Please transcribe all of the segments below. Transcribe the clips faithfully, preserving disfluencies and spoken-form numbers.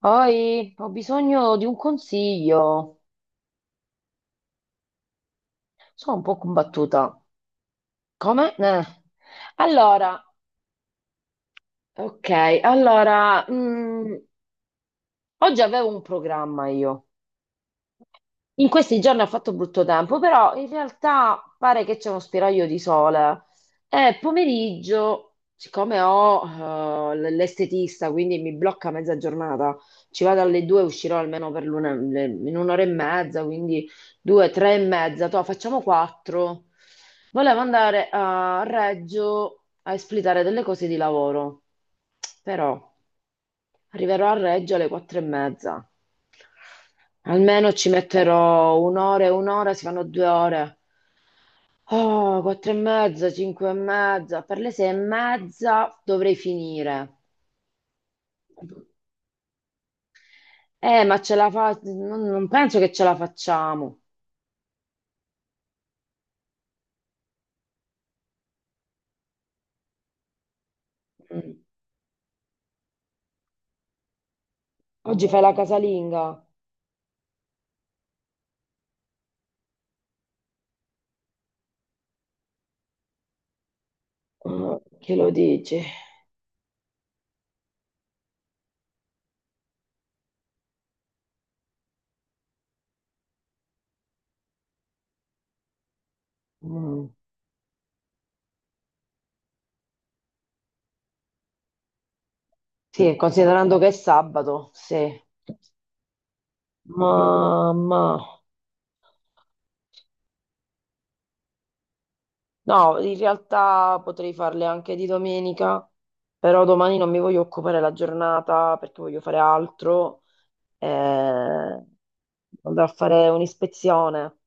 Poi ho bisogno di un consiglio. Sono un po' combattuta. Come? Eh. Allora, ok, allora, mm, oggi avevo un programma io. In questi giorni ha fatto brutto tempo, però in realtà pare che c'è uno spiraglio di sole. E pomeriggio, siccome ho eh, l- l'estetista, quindi mi blocca mezza giornata, ci vado alle due, uscirò almeno per l'una, le- in un'ora e mezza, quindi due, tre e mezza, toh, facciamo quattro. Volevo andare a Reggio a espletare delle cose di lavoro, però arriverò a Reggio alle quattro e mezza. Almeno ci metterò un'ora e un'ora, si fanno due ore. Oh, quattro e mezza, cinque e mezza, per le sei e mezza dovrei finire. Eh, ma ce la fa... Non, non penso che ce la facciamo. Mm. Oggi fai la casalinga? Mm, che lo dici? Mm. Sì, considerando che è sabato, sì. Ma, ma- no, in realtà potrei farle anche di domenica, però domani non mi voglio occupare la giornata perché voglio fare altro. Eh, andrò a fare un'ispezione,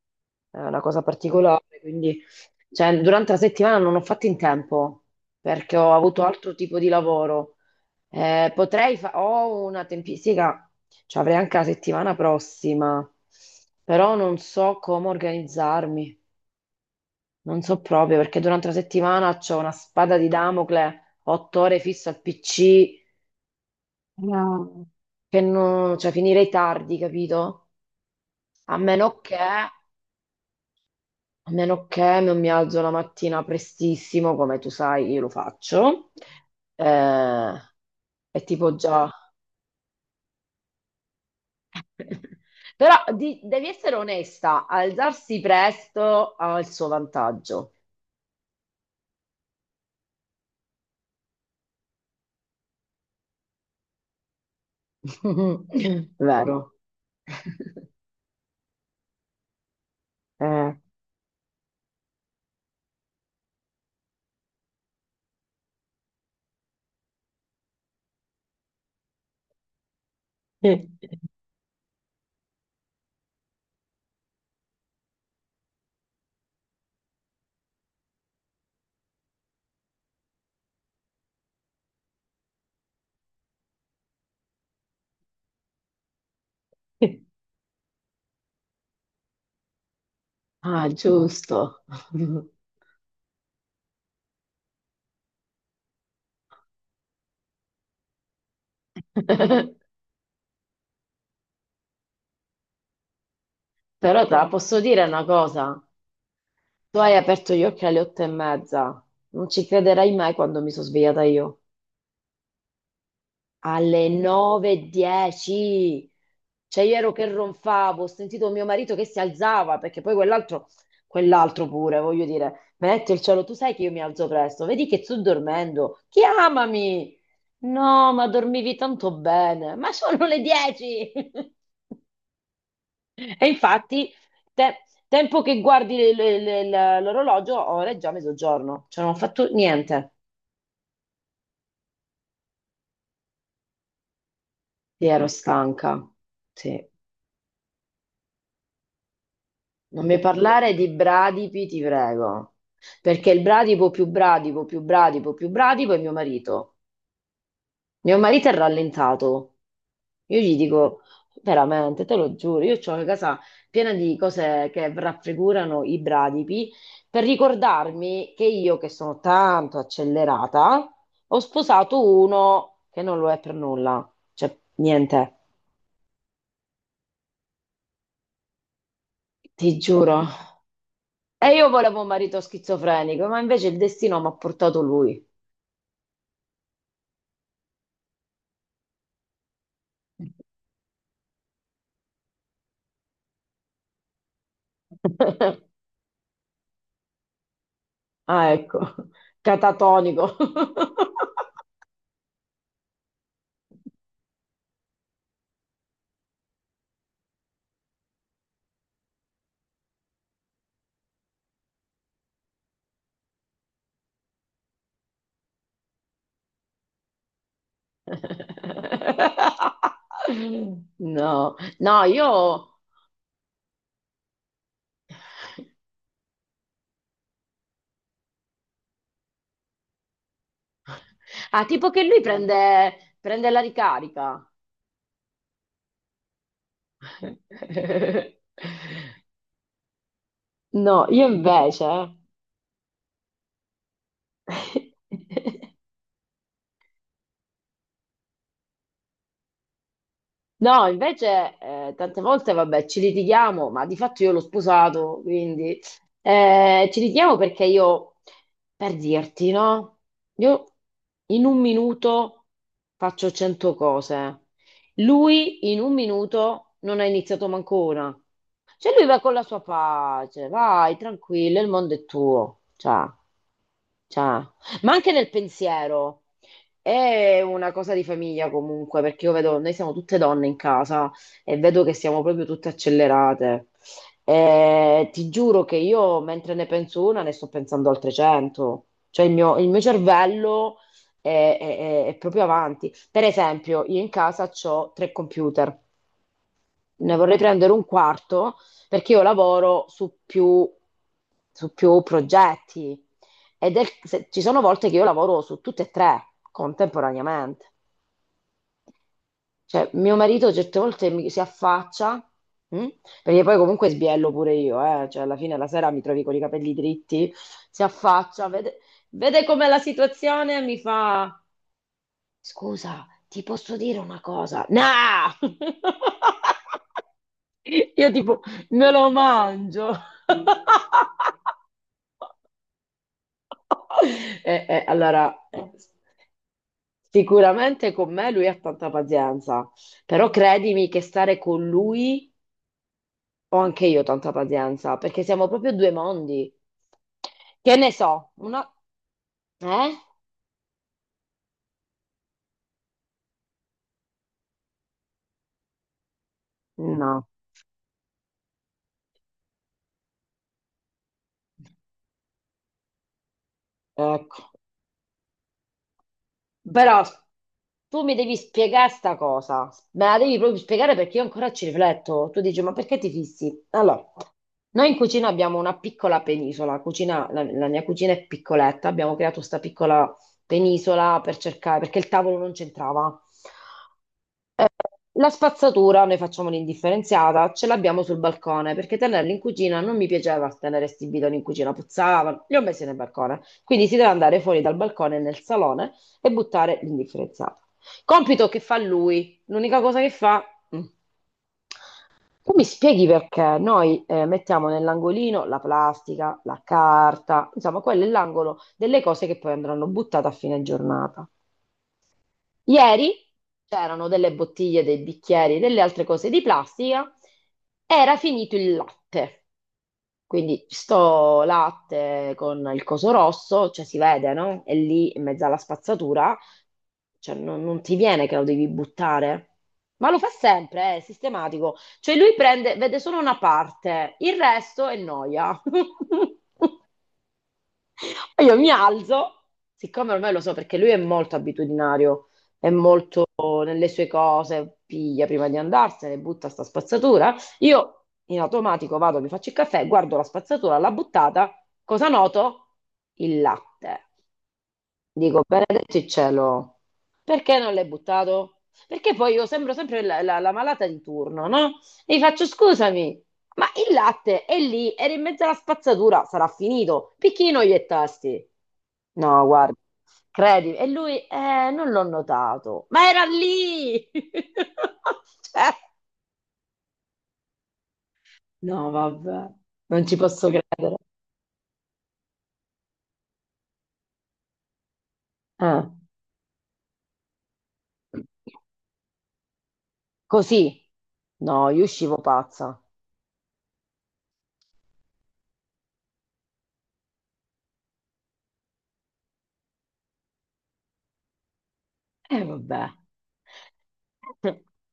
è una cosa particolare, quindi cioè, durante la settimana non ho fatto in tempo perché ho avuto altro tipo di lavoro. Eh, potrei fare, ho una tempistica, cioè avrei anche la settimana prossima, però non so come organizzarmi, non so proprio perché durante la settimana ho una spada di Damocle, otto ore fisso al P C. No. Che non, cioè finirei tardi, capito? A meno che, a meno che non mi alzo la mattina prestissimo, come tu sai, io lo faccio, eh, è tipo già. Però di- devi essere onesta, alzarsi presto ha il suo vantaggio. Vero? Eh. Ah, giusto. Però te la posso dire una cosa. Tu hai aperto gli occhi alle otto e mezza. Non ci crederai mai quando mi sono svegliata io. Alle nove e dieci. Cioè, io ero che ronfavo, ho sentito mio marito che si alzava, perché poi quell'altro, quell'altro pure, voglio dire, metti il cielo, tu sai che io mi alzo presto, vedi che sto dormendo, chiamami! No, ma dormivi tanto bene, ma sono le dieci! E infatti, te- tempo che guardi le- le- le- le- l'orologio, ora è già mezzogiorno, cioè non ho fatto niente. Sì, ero stanca, sì. Non mi parlare di bradipi, ti prego, perché il bradipo più bradipo più bradipo più bradipo è mio marito. Mio marito è rallentato. Io gli dico, veramente, te lo giuro, io ho una casa piena di cose che raffigurano i bradipi per ricordarmi che io, che sono tanto accelerata, ho sposato uno che non lo è per nulla. Cioè, niente, ti giuro. E io volevo un marito schizofrenico, ma invece il destino mi ha portato lui. Ah, ecco, catatonico. No, no, io... Ah, tipo che lui prende, prende la ricarica. No, io invece... No, invece eh, tante volte, vabbè, ci litighiamo, ma di fatto io l'ho sposato, quindi eh, ci litighiamo perché io, per dirti, no? Io in un minuto faccio cento cose. Lui in un minuto non ha iniziato manco una. Cioè lui va con la sua pace, vai, tranquillo, il mondo è tuo. Ciao, ciao. Ma anche nel pensiero. È una cosa di famiglia comunque, perché io vedo, noi siamo tutte donne in casa e vedo che siamo proprio tutte accelerate. E ti giuro che io, mentre ne penso una, ne sto pensando altre cento. Cioè il mio, il mio cervello è, è- è- è proprio avanti. Per esempio, io in casa ho tre computer, ne vorrei prendere un quarto perché io lavoro su più, su più progetti ed è- se- ci sono volte che io lavoro su tutte e tre contemporaneamente. Cioè, mio marito certe volte mi, si affaccia, mh? Perché poi comunque sbiello pure io, eh? Cioè, alla fine la sera mi trovi con i capelli dritti, si affaccia, vede, vede com'è la situazione e mi fa, scusa, ti posso dire una cosa? No! Io tipo, me lo mangio. Eh, eh, allora, eh, sicuramente con me lui ha tanta pazienza, però credimi che stare con lui ho anche io tanta pazienza, perché siamo proprio due mondi. Che ne so, una... Eh? No, ecco. Però tu mi devi spiegare sta cosa, me la devi proprio spiegare perché io ancora ci rifletto. Tu dici, ma perché ti fissi? Allora, noi in cucina abbiamo una piccola penisola, la cucina- la, la mia cucina è piccoletta, abbiamo creato questa piccola penisola per cercare, perché il tavolo non c'entrava. La spazzatura, noi facciamo l'indifferenziata, ce l'abbiamo sul balcone perché tenerla in cucina non mi piaceva tenere sti bidoni in cucina, puzzavano, li ho messi nel balcone. Quindi si deve andare fuori dal balcone nel salone e buttare l'indifferenziata. Compito che fa lui, l'unica cosa che fa... mm, tu mi spieghi perché noi eh, mettiamo nell'angolino la plastica, la carta, insomma, quello è l'angolo delle cose che poi andranno buttate a fine giornata. Ieri c'erano delle bottiglie, dei bicchieri, delle altre cose di plastica. Era finito il latte. Quindi sto latte con il coso rosso, cioè si vede, no? E lì in mezzo alla spazzatura, cioè non, non ti viene che lo devi buttare. Ma lo fa sempre, eh, è sistematico. Cioè lui prende, vede solo una parte, il resto è noia. E io mi alzo, siccome ormai lo so perché lui è molto abitudinario, è molto nelle sue cose, piglia prima di andarsene, butta sta spazzatura. Io in automatico vado, mi faccio il caffè, guardo la spazzatura, l'ha buttata, cosa noto? Il latte. Dico, benedetto il cielo, perché non l'hai buttato? Perché poi io sembro sempre la, la- la malata di turno, no? E gli faccio, scusami, ma il latte è lì, era in mezzo alla spazzatura, sarà finito. Picchino gli e tasti. No, guarda, credi. E lui, eh, non l'ho notato, ma era lì! Cioè, no, vabbè, non ci posso credere. Eh. Così? No, io uscivo pazza. E vabbè.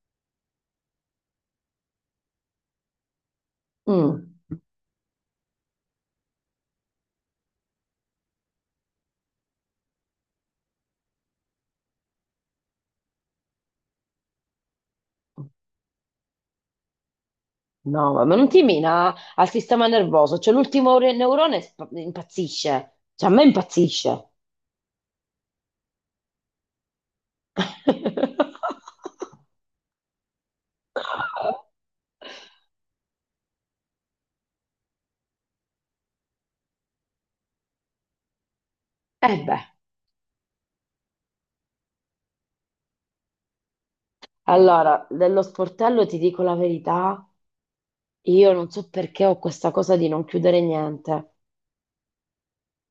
Mm. No, ma ma non ti mina al sistema nervoso, cioè l'ultimo ore- neurone sp- impazzisce, cioè a me impazzisce. E beh, allora, dello sportello ti dico la verità, io non so perché ho questa cosa di non chiudere niente,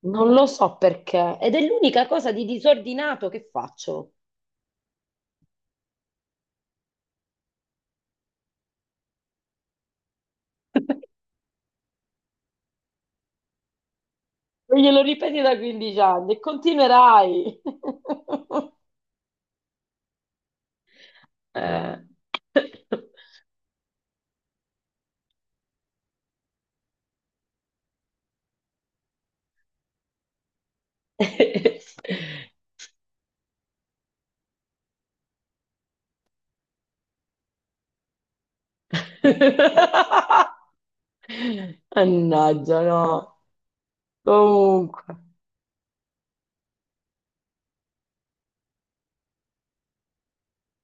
non lo so perché, ed è l'unica cosa di disordinato che faccio. E glielo ripeti da quindici anni e continuerai. Eh. Mannaggia, no. Comunque,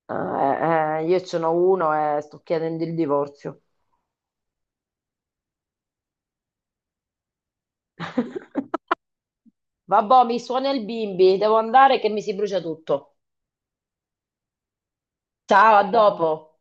eh, eh, io ce n'ho uno e sto chiedendo il divorzio. Vabbè, mi suona il bimbi, devo andare che mi si brucia tutto. Ciao, a dopo.